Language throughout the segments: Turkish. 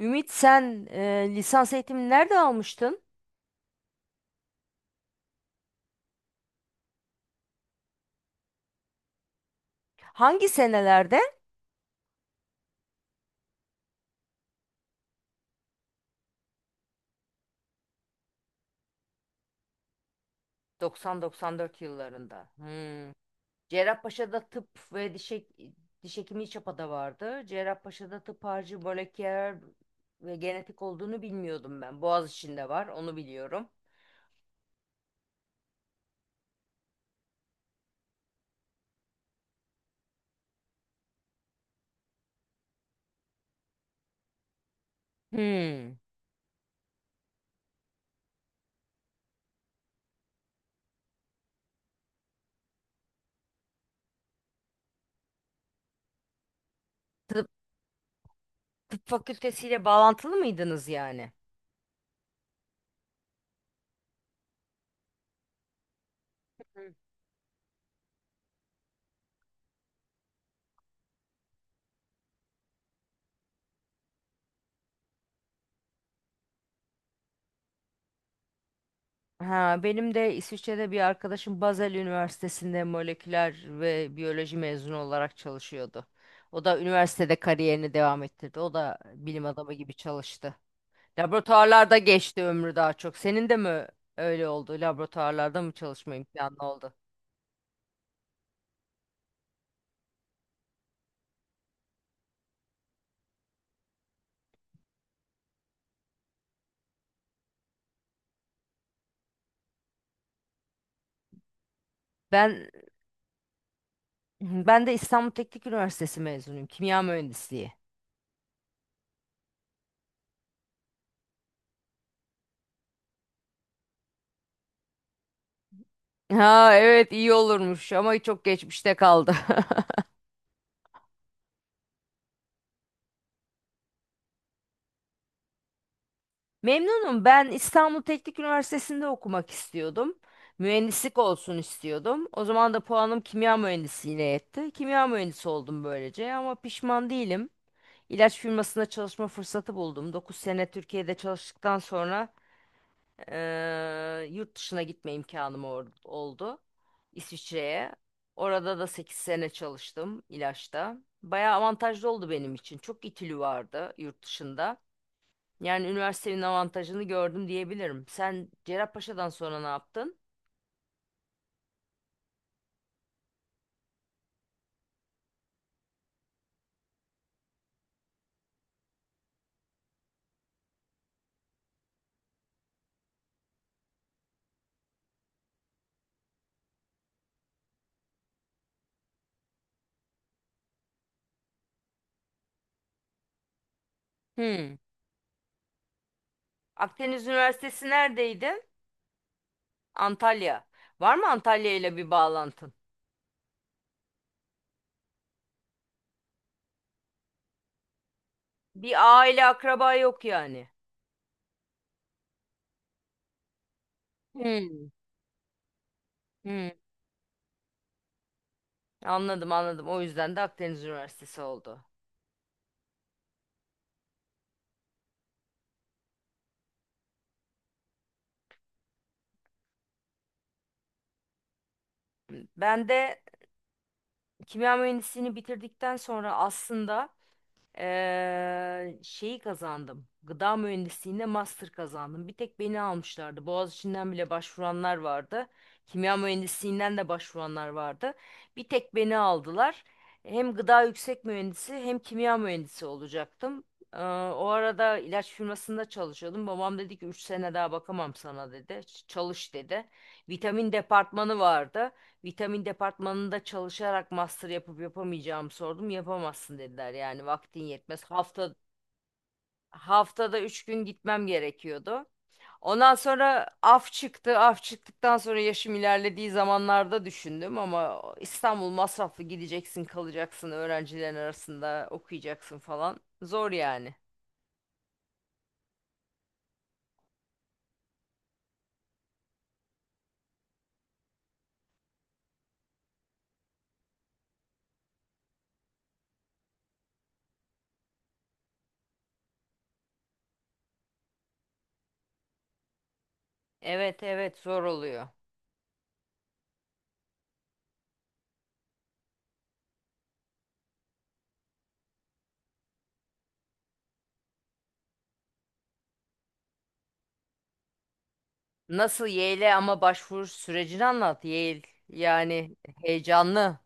Ümit sen lisans eğitimini nerede almıştın? Hangi senelerde? 90-94 yıllarında. Hmm. Cerrahpaşa'da tıp ve diş hekimliği çapada vardı. Cerrahpaşa'da tıp harcı moleküler ve genetik olduğunu bilmiyordum ben. Boğaziçi'nde var, onu biliyorum. Hmm. Tıp, tıp fakültesiyle bağlantılı mıydınız yani? Hı. Ha, benim de İsviçre'de bir arkadaşım Basel Üniversitesi'nde moleküler ve biyoloji mezunu olarak çalışıyordu. O da üniversitede kariyerini devam ettirdi. O da bilim adamı gibi çalıştı. Laboratuvarlarda geçti ömrü daha çok. Senin de mi öyle oldu? Laboratuvarlarda mı çalışma imkanı oldu? Ben ben de İstanbul Teknik Üniversitesi mezunuyum. Kimya mühendisliği. Ha evet iyi olurmuş ama çok geçmişte kaldı. Memnunum. Ben İstanbul Teknik Üniversitesi'nde okumak istiyordum. Mühendislik olsun istiyordum. O zaman da puanım kimya mühendisliğine yetti. Kimya mühendisi oldum böylece ama pişman değilim. İlaç firmasında çalışma fırsatı buldum. 9 sene Türkiye'de çalıştıktan sonra yurt dışına gitme oldu. İsviçre'ye. Orada da 8 sene çalıştım ilaçta. Bayağı avantajlı oldu benim için. Çok itülü vardı yurt dışında. Yani üniversitenin avantajını gördüm diyebilirim. Sen Cerrahpaşa'dan sonra ne yaptın? Hmm. Akdeniz Üniversitesi neredeydi? Antalya. Var mı Antalya ile bir bağlantın? Bir aile akraba yok yani. Hmm. Hmm. Anladım anladım. O yüzden de Akdeniz Üniversitesi oldu. Ben de kimya mühendisliğini bitirdikten sonra aslında şeyi kazandım. Gıda mühendisliğinde master kazandım. Bir tek beni almışlardı. Boğaziçi'nden bile başvuranlar vardı. Kimya mühendisliğinden de başvuranlar vardı. Bir tek beni aldılar. Hem gıda yüksek mühendisi hem kimya mühendisi olacaktım. Ee, o arada ilaç firmasında çalışıyordum. Babam dedi ki 3 sene daha bakamam sana dedi. Çalış dedi. Vitamin departmanı vardı. Vitamin departmanında çalışarak master yapıp yapamayacağımı sordum. Yapamazsın dediler. Yani vaktin yetmez. Haftada 3 gün gitmem gerekiyordu. Ondan sonra af çıktı. Af çıktıktan sonra yaşım ilerlediği zamanlarda düşündüm ama İstanbul masraflı gideceksin, kalacaksın, öğrencilerin arasında okuyacaksın falan. Zor yani. Evet evet zor oluyor. Nasıl Yale'e ama başvuru sürecini anlat. Yale yani heyecanlı.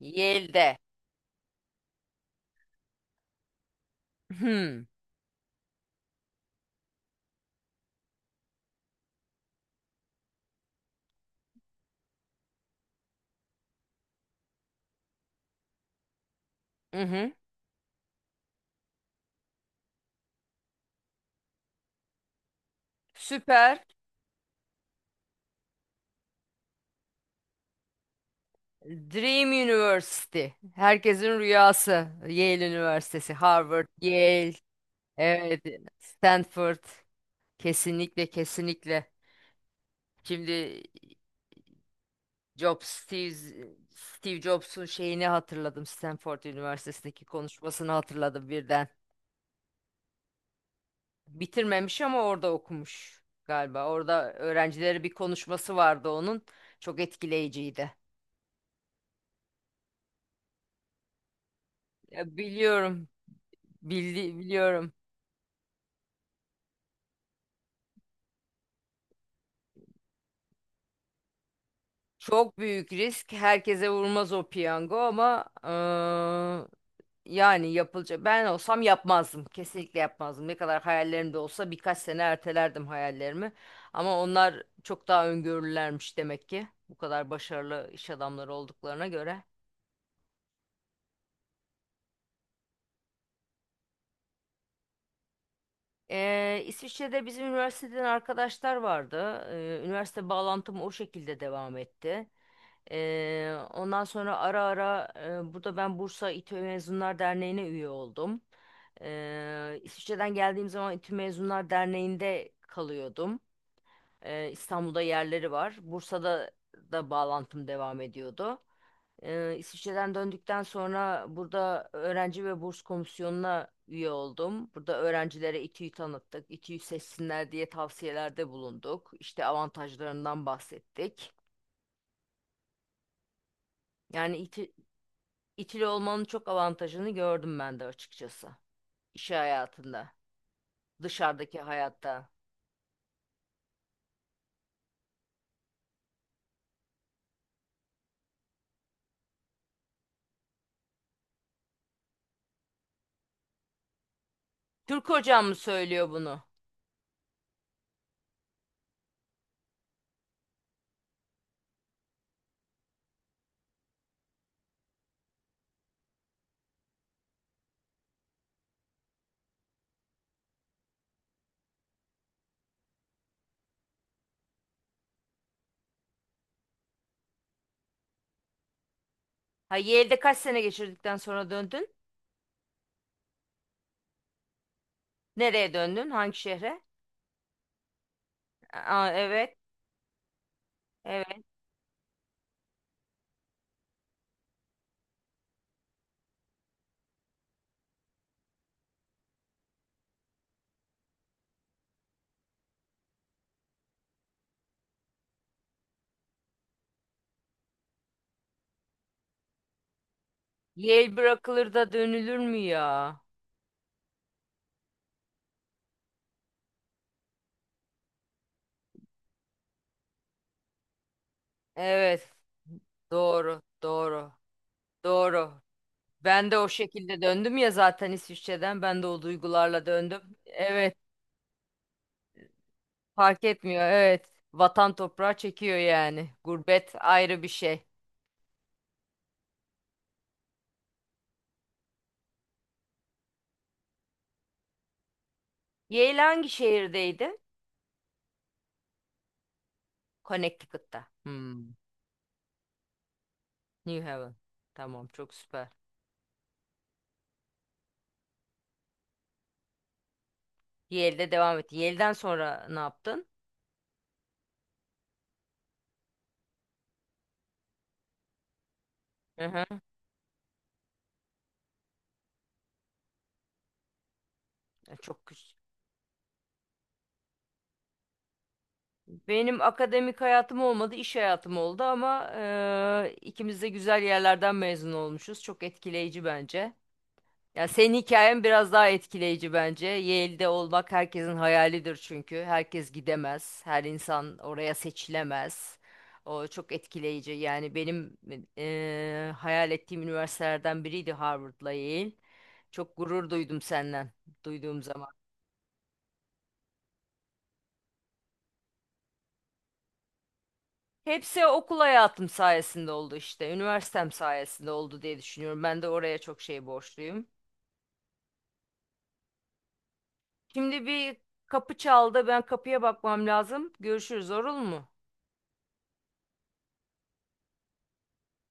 Yale'de. Hmm. Hı hı. Süper. Dream University. Herkesin rüyası. Yale Üniversitesi, Harvard, Yale, evet, Stanford. Kesinlikle, kesinlikle. Şimdi Jobs, Steve, Steve Jobs'un şeyini hatırladım. Stanford Üniversitesi'ndeki konuşmasını hatırladım birden. Bitirmemiş ama orada okumuş galiba. Orada öğrencilere bir konuşması vardı onun. Çok etkileyiciydi. Ya biliyorum, biliyorum. Çok büyük risk. Herkese vurmaz o piyango ama yani yapılacak. Ben olsam yapmazdım. Kesinlikle yapmazdım. Ne kadar hayallerimde olsa birkaç sene ertelerdim hayallerimi. Ama onlar çok daha öngörülermiş demek ki. Bu kadar başarılı iş adamları olduklarına göre. İsviçre'de bizim üniversiteden arkadaşlar vardı. Üniversite bağlantım o şekilde devam etti. Ondan sonra ara ara burada ben Bursa İTÜ Mezunlar Derneği'ne üye oldum. İsviçre'den geldiğim zaman İTÜ Mezunlar Derneği'nde kalıyordum. İstanbul'da yerleri var. Bursa'da da bağlantım devam ediyordu. İsviçre'den döndükten sonra burada öğrenci ve burs komisyonuna üye oldum. Burada öğrencilere İTÜ'yü tanıttık. İTÜ'yü seçsinler diye tavsiyelerde bulunduk. İşte avantajlarından bahsettik. Yani İTÜ'lü olmanın çok avantajını gördüm ben de açıkçası. İş hayatında, dışarıdaki hayatta. Türk hocam mı söylüyor bunu? Ha Yale'de kaç sene geçirdikten sonra döndün? Nereye döndün? Hangi şehre? Aa, evet, evet. Yale bırakılır da dönülür mü ya? Evet. Doğru. Doğru. Doğru. Ben de o şekilde döndüm ya zaten İsviçre'den. Ben de o duygularla döndüm. Evet. Fark etmiyor. Evet. Vatan toprağı çekiyor yani. Gurbet ayrı bir şey. Yale hangi şehirdeydi? Connecticut'ta. Hmm. New Haven. Tamam. Çok süper. Yale'de devam et. Yale'den sonra ne yaptın? Hı hı. Çok güç. Benim akademik hayatım olmadı, iş hayatım oldu ama ikimiz de güzel yerlerden mezun olmuşuz. Çok etkileyici bence. Ya senin hikayen biraz daha etkileyici bence. Yale'de olmak herkesin hayalidir çünkü. Herkes gidemez, her insan oraya seçilemez. O çok etkileyici. Yani benim hayal ettiğim üniversitelerden biriydi Harvard'la Yale. Çok gurur duydum senden duyduğum zaman. Hepsi okul hayatım sayesinde oldu işte. Üniversitem sayesinde oldu diye düşünüyorum. Ben de oraya çok şey borçluyum. Şimdi bir kapı çaldı. Ben kapıya bakmam lazım. Görüşürüz, olur mu?